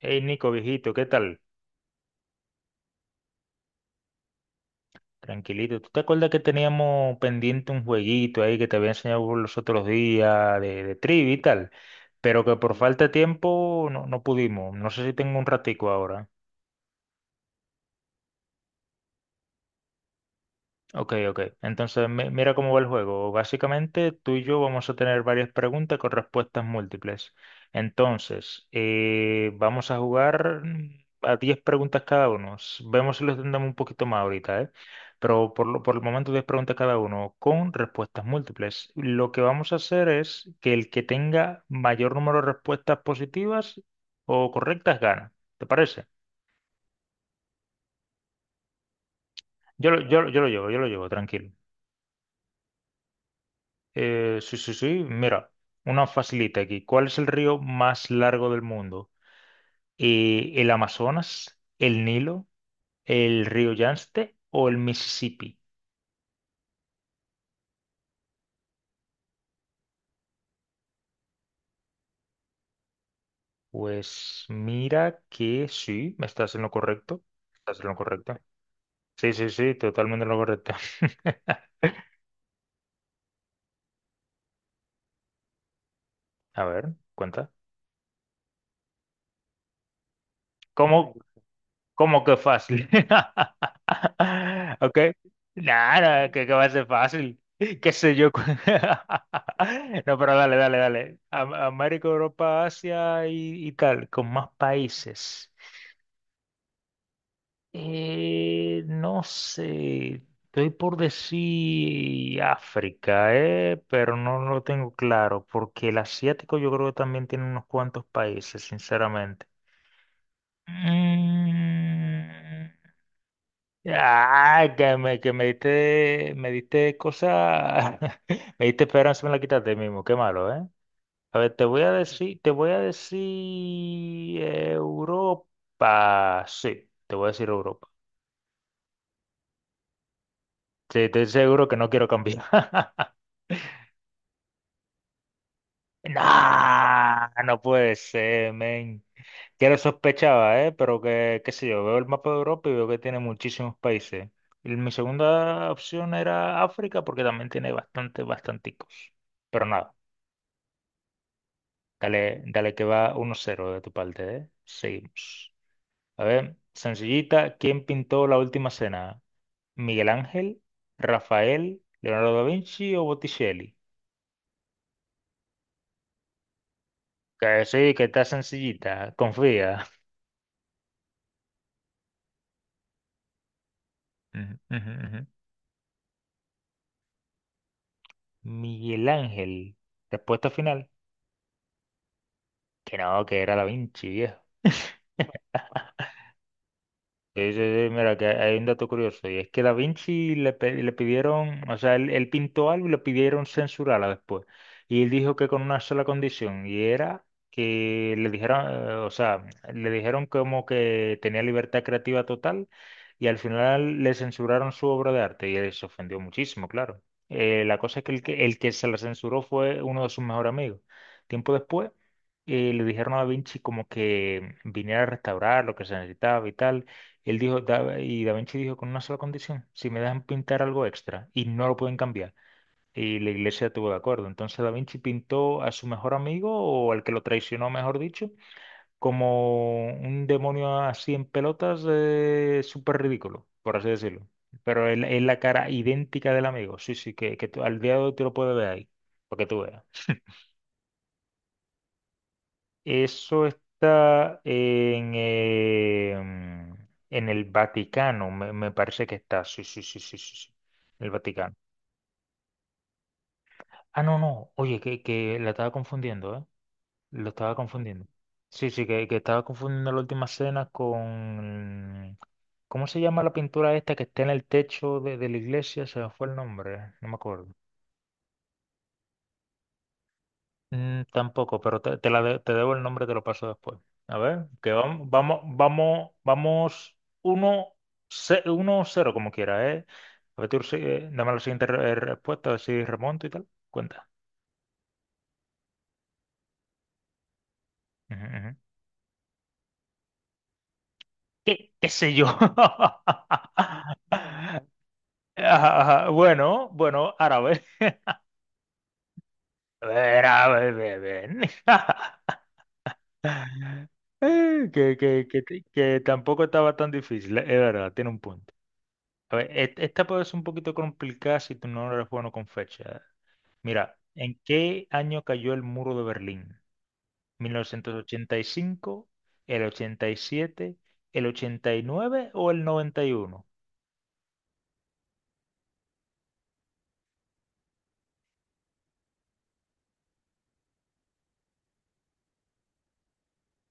Hey Nico, viejito, ¿qué tal? Tranquilito. ¿Tú te acuerdas que teníamos pendiente un jueguito ahí que te había enseñado por los otros días de trivia y tal? Pero que por falta de tiempo no, no pudimos. No sé si tengo un ratico ahora. Ok, ok. Entonces, mira cómo va el juego. Básicamente, tú y yo vamos a tener varias preguntas con respuestas múltiples. Entonces, vamos a jugar a 10 preguntas cada uno. Vemos si lo entendemos un poquito más ahorita, ¿eh? Pero por el momento, 10 preguntas cada uno con respuestas múltiples. Lo que vamos a hacer es que el que tenga mayor número de respuestas positivas o correctas gana. ¿Te parece? Yo lo llevo, tranquilo. Sí, sí, sí. Mira, una facilita aquí. ¿Cuál es el río más largo del mundo? ¿El Amazonas, el Nilo, el río Yangtze o el Mississippi? Pues mira que sí, me estás en lo correcto. Estás en lo correcto. Sí, sí, sí, totalmente en lo correcto. A ver, cuenta. ¿Cómo, ¿Cómo que fácil? ¿Ok? Nada, que va a ser fácil. ¿Qué sé yo? No, pero dale, dale, dale. América, Europa, Asia y tal, con más países. No sé, estoy por decir África, pero no lo tengo claro, porque el asiático yo creo que también tiene unos cuantos países, sinceramente. Mm. Ah, me diste cosas, me diste esperanza, me la quitaste mismo, qué malo, ¿eh? A ver, te voy a decir Europa, sí, te voy a decir Europa. Sí, estoy seguro que no quiero cambiar. Nah, no puede ser, men. Que lo sospechaba, ¿eh? Pero que, qué sé yo, veo el mapa de Europa y veo que tiene muchísimos países. Y mi segunda opción era África porque también tiene bastante, bastanticos. Pero nada, dale, dale que va 1-0 de tu parte, ¿eh? Seguimos. A ver, sencillita, ¿quién pintó la última cena? ¿Miguel Ángel, Rafael, Leonardo da Vinci o Botticelli? Que sí, que está sencillita, confía. Miguel Ángel. Respuesta final. Que no, que era Da Vinci, viejo. Sí, sí, sí, mira, que hay un dato curioso, y es que Da Vinci le pidieron, o sea, él pintó algo y le pidieron censurarla después. Y él dijo que con una sola condición, y era que le dijeron, o sea, le dijeron como que tenía libertad creativa total, y al final le censuraron su obra de arte, y él se ofendió muchísimo, claro. La cosa es que el que se la censuró fue uno de sus mejores amigos. Tiempo después, le dijeron a Da Vinci como que viniera a restaurar lo que se necesitaba y tal. Él dijo: Da Vinci dijo con una sola condición, si me dejan pintar algo extra y no lo pueden cambiar". Y la iglesia estuvo de acuerdo. Entonces Da Vinci pintó a su mejor amigo, o al que lo traicionó, mejor dicho, como un demonio así en pelotas, súper ridículo, por así decirlo. Pero es la cara idéntica del amigo. Sí, sí, que al día de hoy te lo puedes ver ahí, porque tú veas. Eso está en, en el Vaticano, me parece que está. Sí, sí, sí, sí, sí, sí. En el Vaticano. Ah, no, no. Oye, que la estaba confundiendo, ¿eh? Lo estaba confundiendo. Sí, sí, que estaba confundiendo la última cena con... ¿Cómo se llama la pintura esta que está en el techo de la iglesia? Se me fue el nombre, no me acuerdo. Tampoco, pero te debo el nombre, te lo paso después. A ver, que vamos, vamos, vamos, vamos uno, 1-0 como quiera, ¿eh? A ver, tú sigue, dame la siguiente respuesta, a ver si remonto y tal. Cuenta. Ujú, ujú. ¿Qué sé yo? Ajá, ajá. Bueno, bueno, árabe. Ver, árabe, ven. Eh, Que, que, que, que tampoco estaba tan difícil, es verdad, tiene un punto. A ver, esta puede ser un poquito complicada si tú no eres bueno con fecha. Mira, ¿en qué año cayó el muro de Berlín? ¿1985, el 87, el 89 o el 91?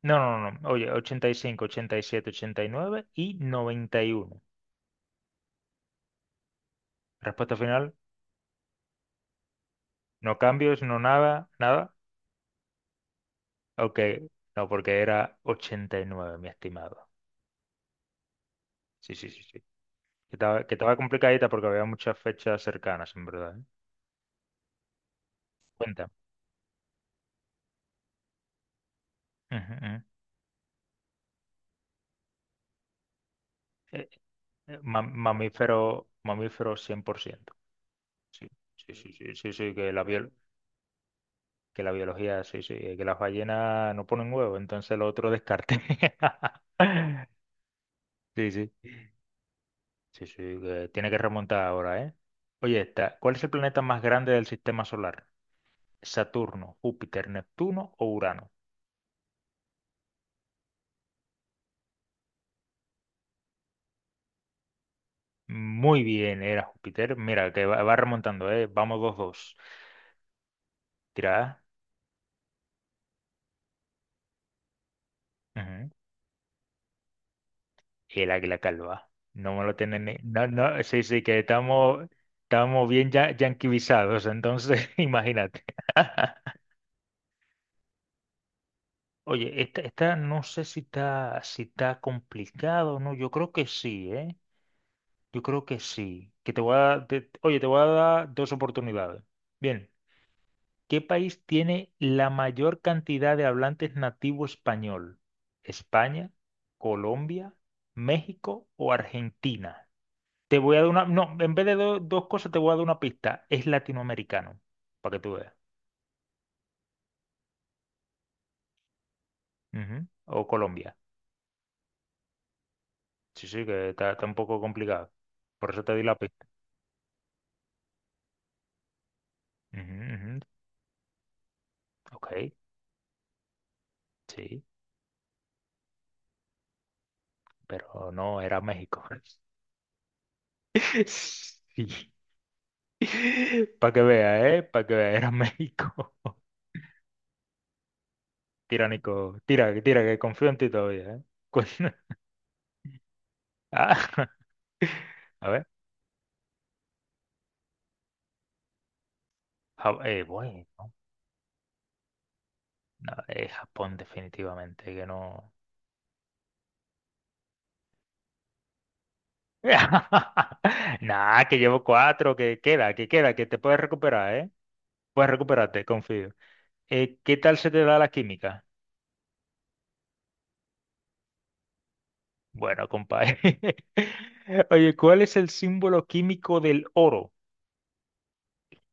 No, no, no, no. Oye, 85, 87, 89 y 91. Respuesta final, no cambios, no nada, nada. Ok, no, porque era 89, mi estimado. Sí, sí, sí, sí. Que estaba complicadita porque había muchas fechas cercanas, en verdad, ¿eh? Cuéntame. Ujú, ujú. Eh, mamífero, mamífero 100%. Sí, sí, sí, sí, sí, sí, que la biología, sí, sí, que las ballenas no ponen huevo, entonces lo otro descarte. Sí, sí, sí, sí, que tiene que remontar ahora, ¿eh? Oye, esta, ¿cuál es el planeta más grande del sistema solar? ¿Saturno, Júpiter, Neptuno o Urano? Muy bien, era Júpiter. Mira, que va remontando, ¿eh? Vamos 2-2. Tira. Y el águila calva. No me lo tienen ni... No, no, sí, sí, que estamos bien ya yanquivizados, entonces imagínate. Oye, esta no sé si está complicado, ¿no? Yo creo que sí, ¿eh? Yo creo que sí. Que te voy a te- Oye, te voy a dar dos oportunidades. Bien, ¿qué país tiene la mayor cantidad de hablantes nativo español? ¿España, Colombia, México o Argentina? Te voy a dar una. No, en vez de dos cosas, te voy a dar una pista. Es latinoamericano, para que tú veas. Ujú. O Colombia. Sí, sí, que está un poco complicado. Por eso te di la pista. Ujú, ujú. Ok, sí. Pero no, era México. Sí. Para que veas, ¿eh? Para que veas, era México. Tiránico. Tira, que confío en ti todavía, ¿eh? Con- Ah, a ver. Bueno, no, es Japón, definitivamente, que no. Nah, que llevo cuatro, que queda, que te puedes recuperar, ¿eh? Puedes recuperarte, confío. ¿Qué tal se te da la química? Bueno, compadre. Oye, ¿cuál es el símbolo químico del oro?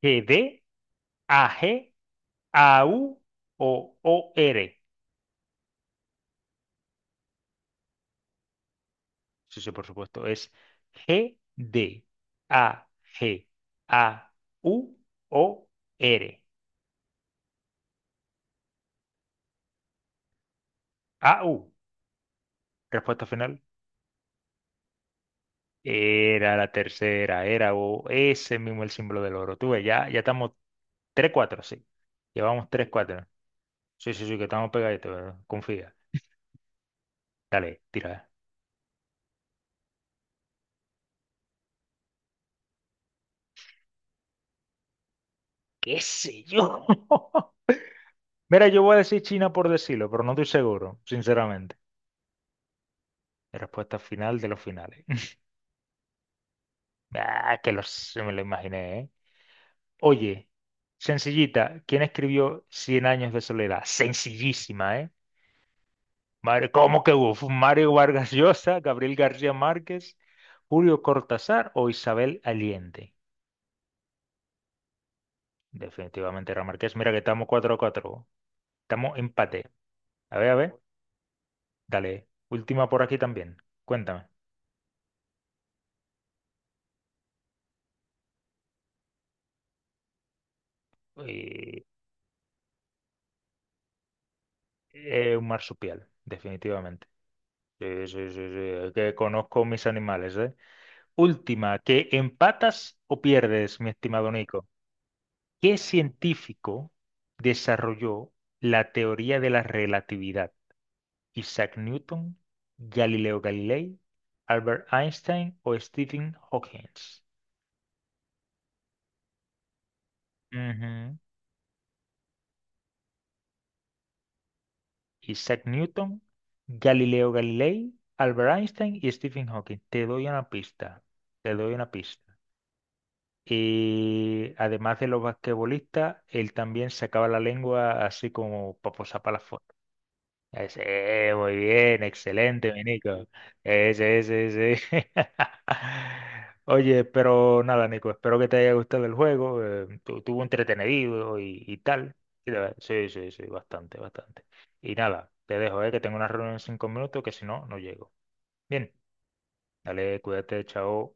GD, AG, AU o OR. Sí, sí, por supuesto. Es GD, AG, AU o R. AU. Respuesta final. Era la tercera, era o ese mismo el símbolo del oro. Tú ves, ya, ya estamos 3-4, sí. Llevamos 3-4. Sí, sí, sí, que estamos pegaditos, confía. Dale, tira. ¿Qué sé yo? Mira, yo voy a decir China por decirlo, pero no estoy seguro, sinceramente. La respuesta final de los finales. Ah, se me lo imaginé, ¿eh? Oye, sencillita, ¿quién escribió Cien años de soledad? Sencillísima, ¿eh? Mario, ¿cómo que hubo? Mario Vargas Llosa, Gabriel García Márquez, Julio Cortázar o Isabel Allende? Definitivamente era Márquez. Mira que estamos 4-4. Estamos empate. A ver, a ver. Dale. Última por aquí también. Cuéntame. Eh, un marsupial, definitivamente. Sí, sí, sí, sí, que conozco mis animales, ¿eh? Última, ¿que empatas o pierdes, mi estimado Nico? ¿Qué científico desarrolló la teoría de la relatividad? ¿Isaac Newton, Galileo Galilei, Albert Einstein o Stephen Hawking? Ujú. Isaac Newton, Galileo Galilei, Albert Einstein y Stephen Hawking. Te doy una pista. Te doy una pista. Y además de los basquetbolistas, él también sacaba la lengua así como para posar para la foto. Ese, muy bien, excelente, mi Nico. Ese, ese, ese. Oye, pero nada, Nico, espero que te haya gustado el juego. Tuvo entretenido y tal. Sí, sí, sí, bastante, bastante. Y nada, te dejo, que tengo una reunión en 5 minutos, que si no, no llego. Bien, dale, cuídate, chao.